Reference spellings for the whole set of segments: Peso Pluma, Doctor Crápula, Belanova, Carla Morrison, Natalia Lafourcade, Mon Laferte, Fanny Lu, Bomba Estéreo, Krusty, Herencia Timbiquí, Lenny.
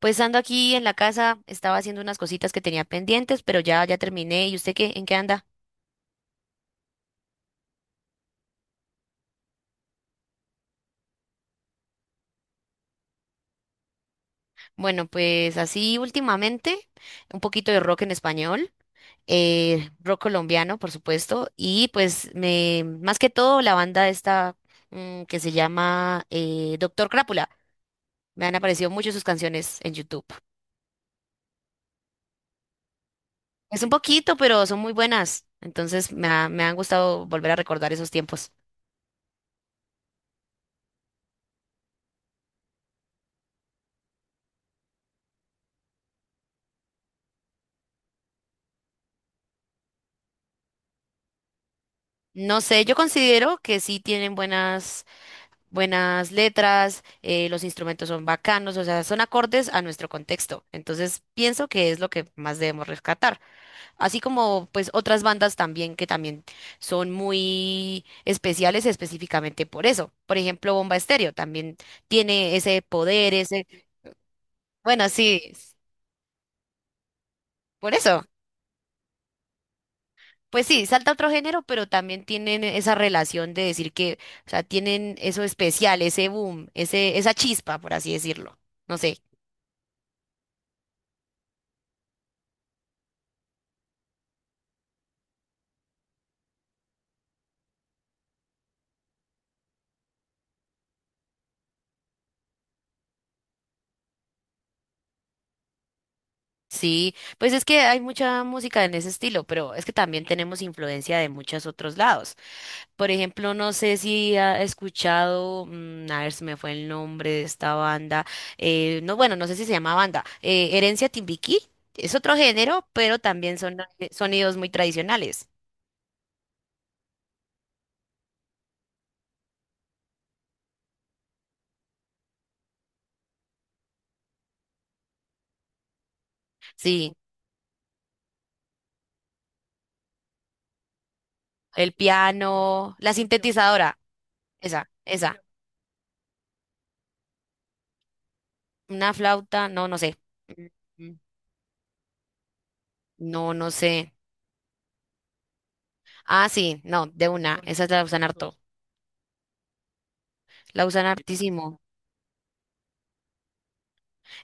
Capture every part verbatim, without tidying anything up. Pues ando aquí en la casa, estaba haciendo unas cositas que tenía pendientes, pero ya ya terminé. ¿Y usted qué? ¿En qué anda? Bueno, pues así últimamente, un poquito de rock en español, eh, rock colombiano, por supuesto, y pues me más que todo la banda esta mm, que se llama eh, Doctor Crápula. Me han aparecido mucho sus canciones en YouTube. Es un poquito, pero son muy buenas. Entonces me ha- me han gustado volver a recordar esos tiempos. No sé, yo considero que sí tienen buenas buenas letras, eh, los instrumentos son bacanos, o sea, son acordes a nuestro contexto. Entonces, pienso que es lo que más debemos rescatar. Así como pues otras bandas también que también son muy especiales específicamente por eso. Por ejemplo, Bomba Estéreo también tiene ese poder, ese, bueno, sí, s- por eso. Pues sí, salta otro género, pero también tienen esa relación de decir que, o sea, tienen eso especial, ese boom, ese, esa chispa, por así decirlo. No sé. Sí, pues es que hay mucha música en ese estilo, pero es que también tenemos influencia de muchos otros lados. Por ejemplo, no sé si ha escuchado, mm, a ver si me fue el nombre de esta banda, eh, no, bueno, no sé si se llama banda, eh, Herencia Timbiquí, es otro género, pero también son eh, sonidos muy tradicionales. Sí, el piano, la sintetizadora, esa, esa, una flauta, no, no sé. Mm, mm. No, no sé. Ah, sí, no, de una, esas la usan harto. La usan hartísimo.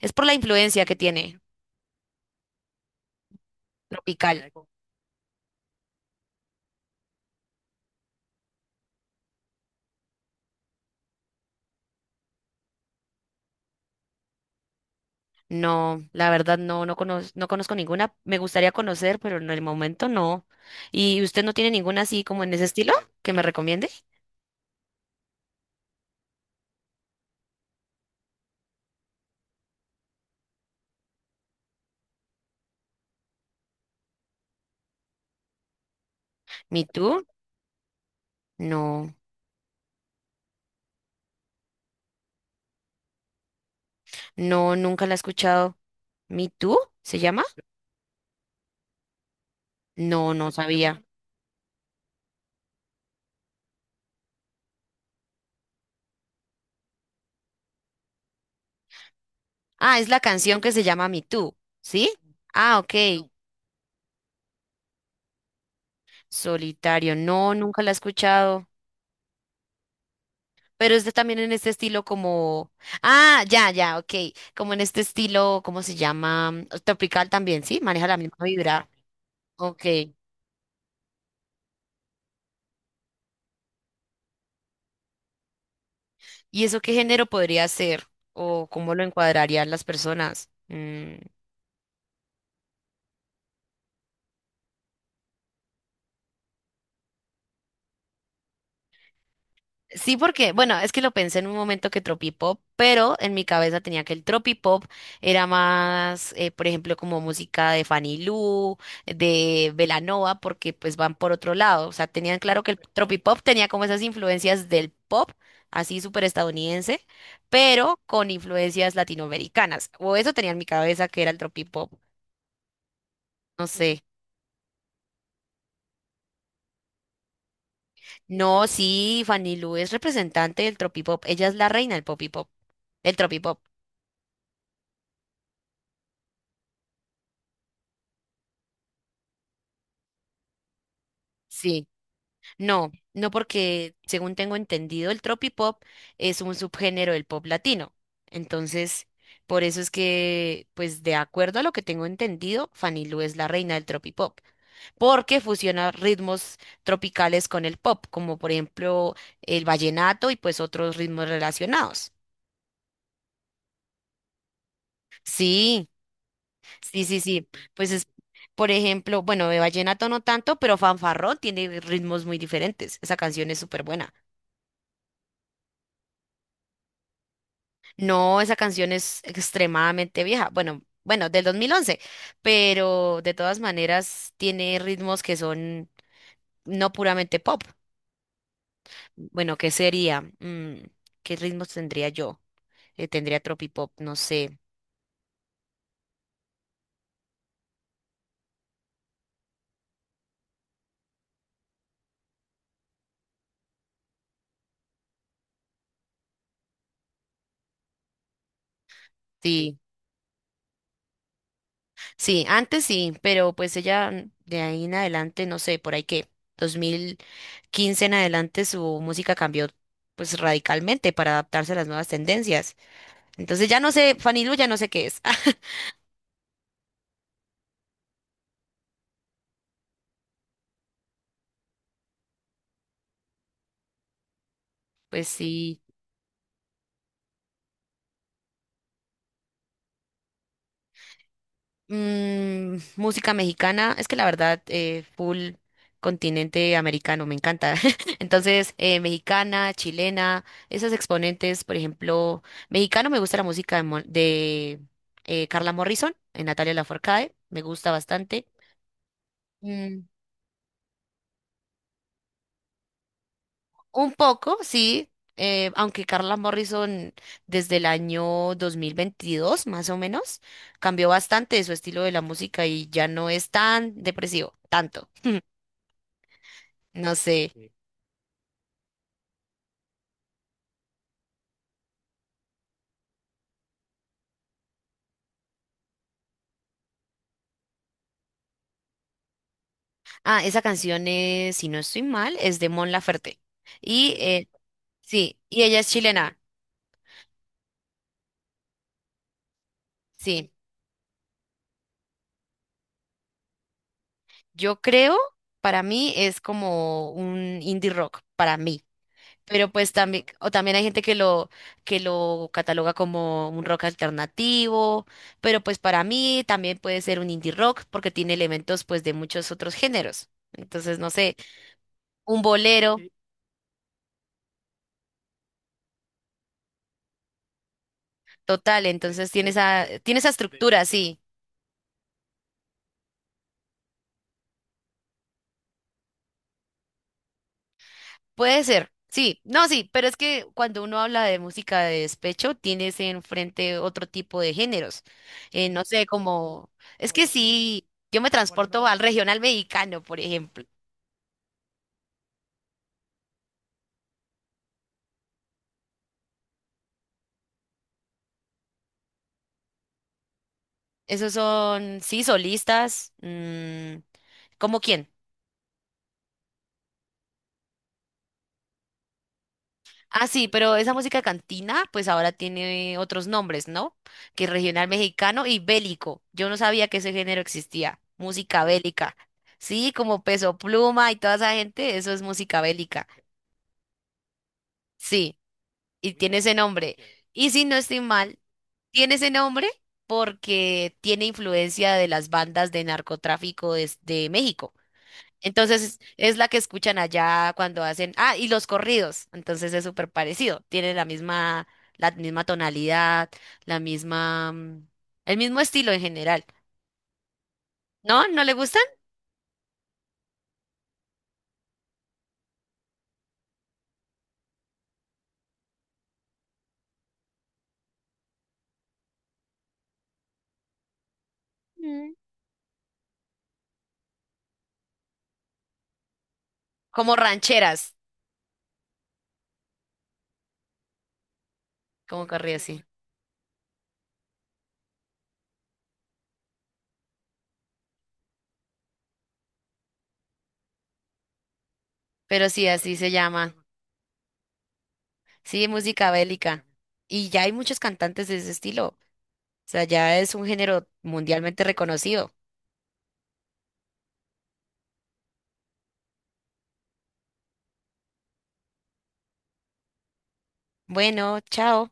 Es por la influencia que tiene tropical. No, la verdad no, no conozco, no conozco ninguna. Me gustaría conocer, pero en el momento no. ¿Y usted no tiene ninguna así como en ese estilo que me recomiende? ¿Me Too? No, no, nunca la he escuchado. ¿Me Too? ¿Se llama? No, no sabía. Ah, es la canción que se llama Me Too, ¿sí? Ah, ok. Solitario. No, nunca la he escuchado. Pero es de también en este estilo como... Ah, ya, ya, ok. Como en este estilo, ¿cómo se llama? Mm, Tropical también, ¿sí? Maneja la misma vibra. Ok. ¿Y eso qué género podría ser? ¿O cómo lo encuadrarían las personas? Mm, Sí, porque, bueno, es que lo pensé en un momento que tropipop, pero en mi cabeza tenía que el tropipop era más, eh, por ejemplo, como música de Fanny Lu, de Belanova, porque pues van por otro lado. O sea, tenían claro que el tropipop tenía como esas influencias del pop, así súper estadounidense, pero con influencias latinoamericanas. O eso tenía en mi cabeza que era el tropipop. No sé. No, sí, Fanny Lu es representante del tropipop. Ella es la reina del popipop, del tropipop. Sí. No, no porque, según tengo entendido, el tropipop es un subgénero del pop latino. Entonces, por eso es que, pues de acuerdo a lo que tengo entendido, Fanny Lu es la reina del tropipop, porque fusiona ritmos tropicales con el pop, como por ejemplo el vallenato y pues otros ritmos relacionados. Sí, sí, sí, sí. Pues es, por ejemplo, bueno, de vallenato no tanto, pero fanfarrón tiene ritmos muy diferentes. Esa canción es súper buena. No, esa canción es extremadamente vieja. Bueno, bueno, del dos mil once. Pero de todas maneras tiene ritmos que son no puramente pop. Bueno, ¿qué sería? Mm, ¿qué ritmos tendría yo? Eh, tendría tropipop, no sé. Sí, sí, antes sí, pero pues ella mm, de ahí en adelante, no sé, por ahí que dos mil quince en adelante su música cambió pues radicalmente para adaptarse a las nuevas tendencias. Entonces ya no sé, Fanny Lu ya no sé qué es. Pues sí. Mm, música mexicana, es que la verdad, eh, full continente americano, me encanta. Entonces, eh, mexicana, chilena, esos exponentes, por ejemplo, mexicano me gusta la música de, Mon- de, eh, Carla Morrison, eh, Natalia Lafourcade, me gusta bastante. Mm, un poco, sí, eh, aunque Carla Morrison desde el año dos mil veintidós más o menos, cambió bastante su estilo de la música y ya no es tan depresivo, tanto. No sé. Ah, esa canción es, si no estoy mal, es de Mon Laferte. Y eh, sí, y ella es chilena. Sí, yo creo, para mí es como un indie rock, para mí. Pero pues también, o también hay gente que lo, que lo cataloga como un rock alternativo, pero pues para mí también puede ser un indie rock porque tiene elementos pues de muchos otros géneros. Entonces, no sé, un bolero, sí, total, entonces tiene esa, tiene esa estructura, sí. Puede ser, sí, no, sí, pero es que cuando uno habla de música de despecho, tienes enfrente otro tipo de géneros. Eh, no sé, como, es que sí, yo me transporto al regional mexicano, por ejemplo. Esos son, sí, solistas, mm, ¿cómo quién? Ah, sí, pero esa música cantina, pues ahora tiene otros nombres, ¿no? Que regional mexicano y bélico. Yo no sabía que ese género existía, música bélica. Sí, como Peso Pluma y toda esa gente, eso es música bélica. Sí, y tiene ese nombre. Y si no estoy mal, tiene ese nombre porque tiene influencia de las bandas de narcotráfico des- de, México. Entonces es es la que escuchan allá cuando hacen, ah, y los corridos. Entonces es súper parecido. Tiene la misma, la misma tonalidad, la misma, mm, el mismo estilo en general. ¿No? ¿No le gustan? Mm. Como rancheras, como corrido así. Pero sí, así se llama. Sí, música bélica. Y ya hay muchos cantantes de ese estilo. Sea, ya es un género mundialmente reconocido. Bueno, chao.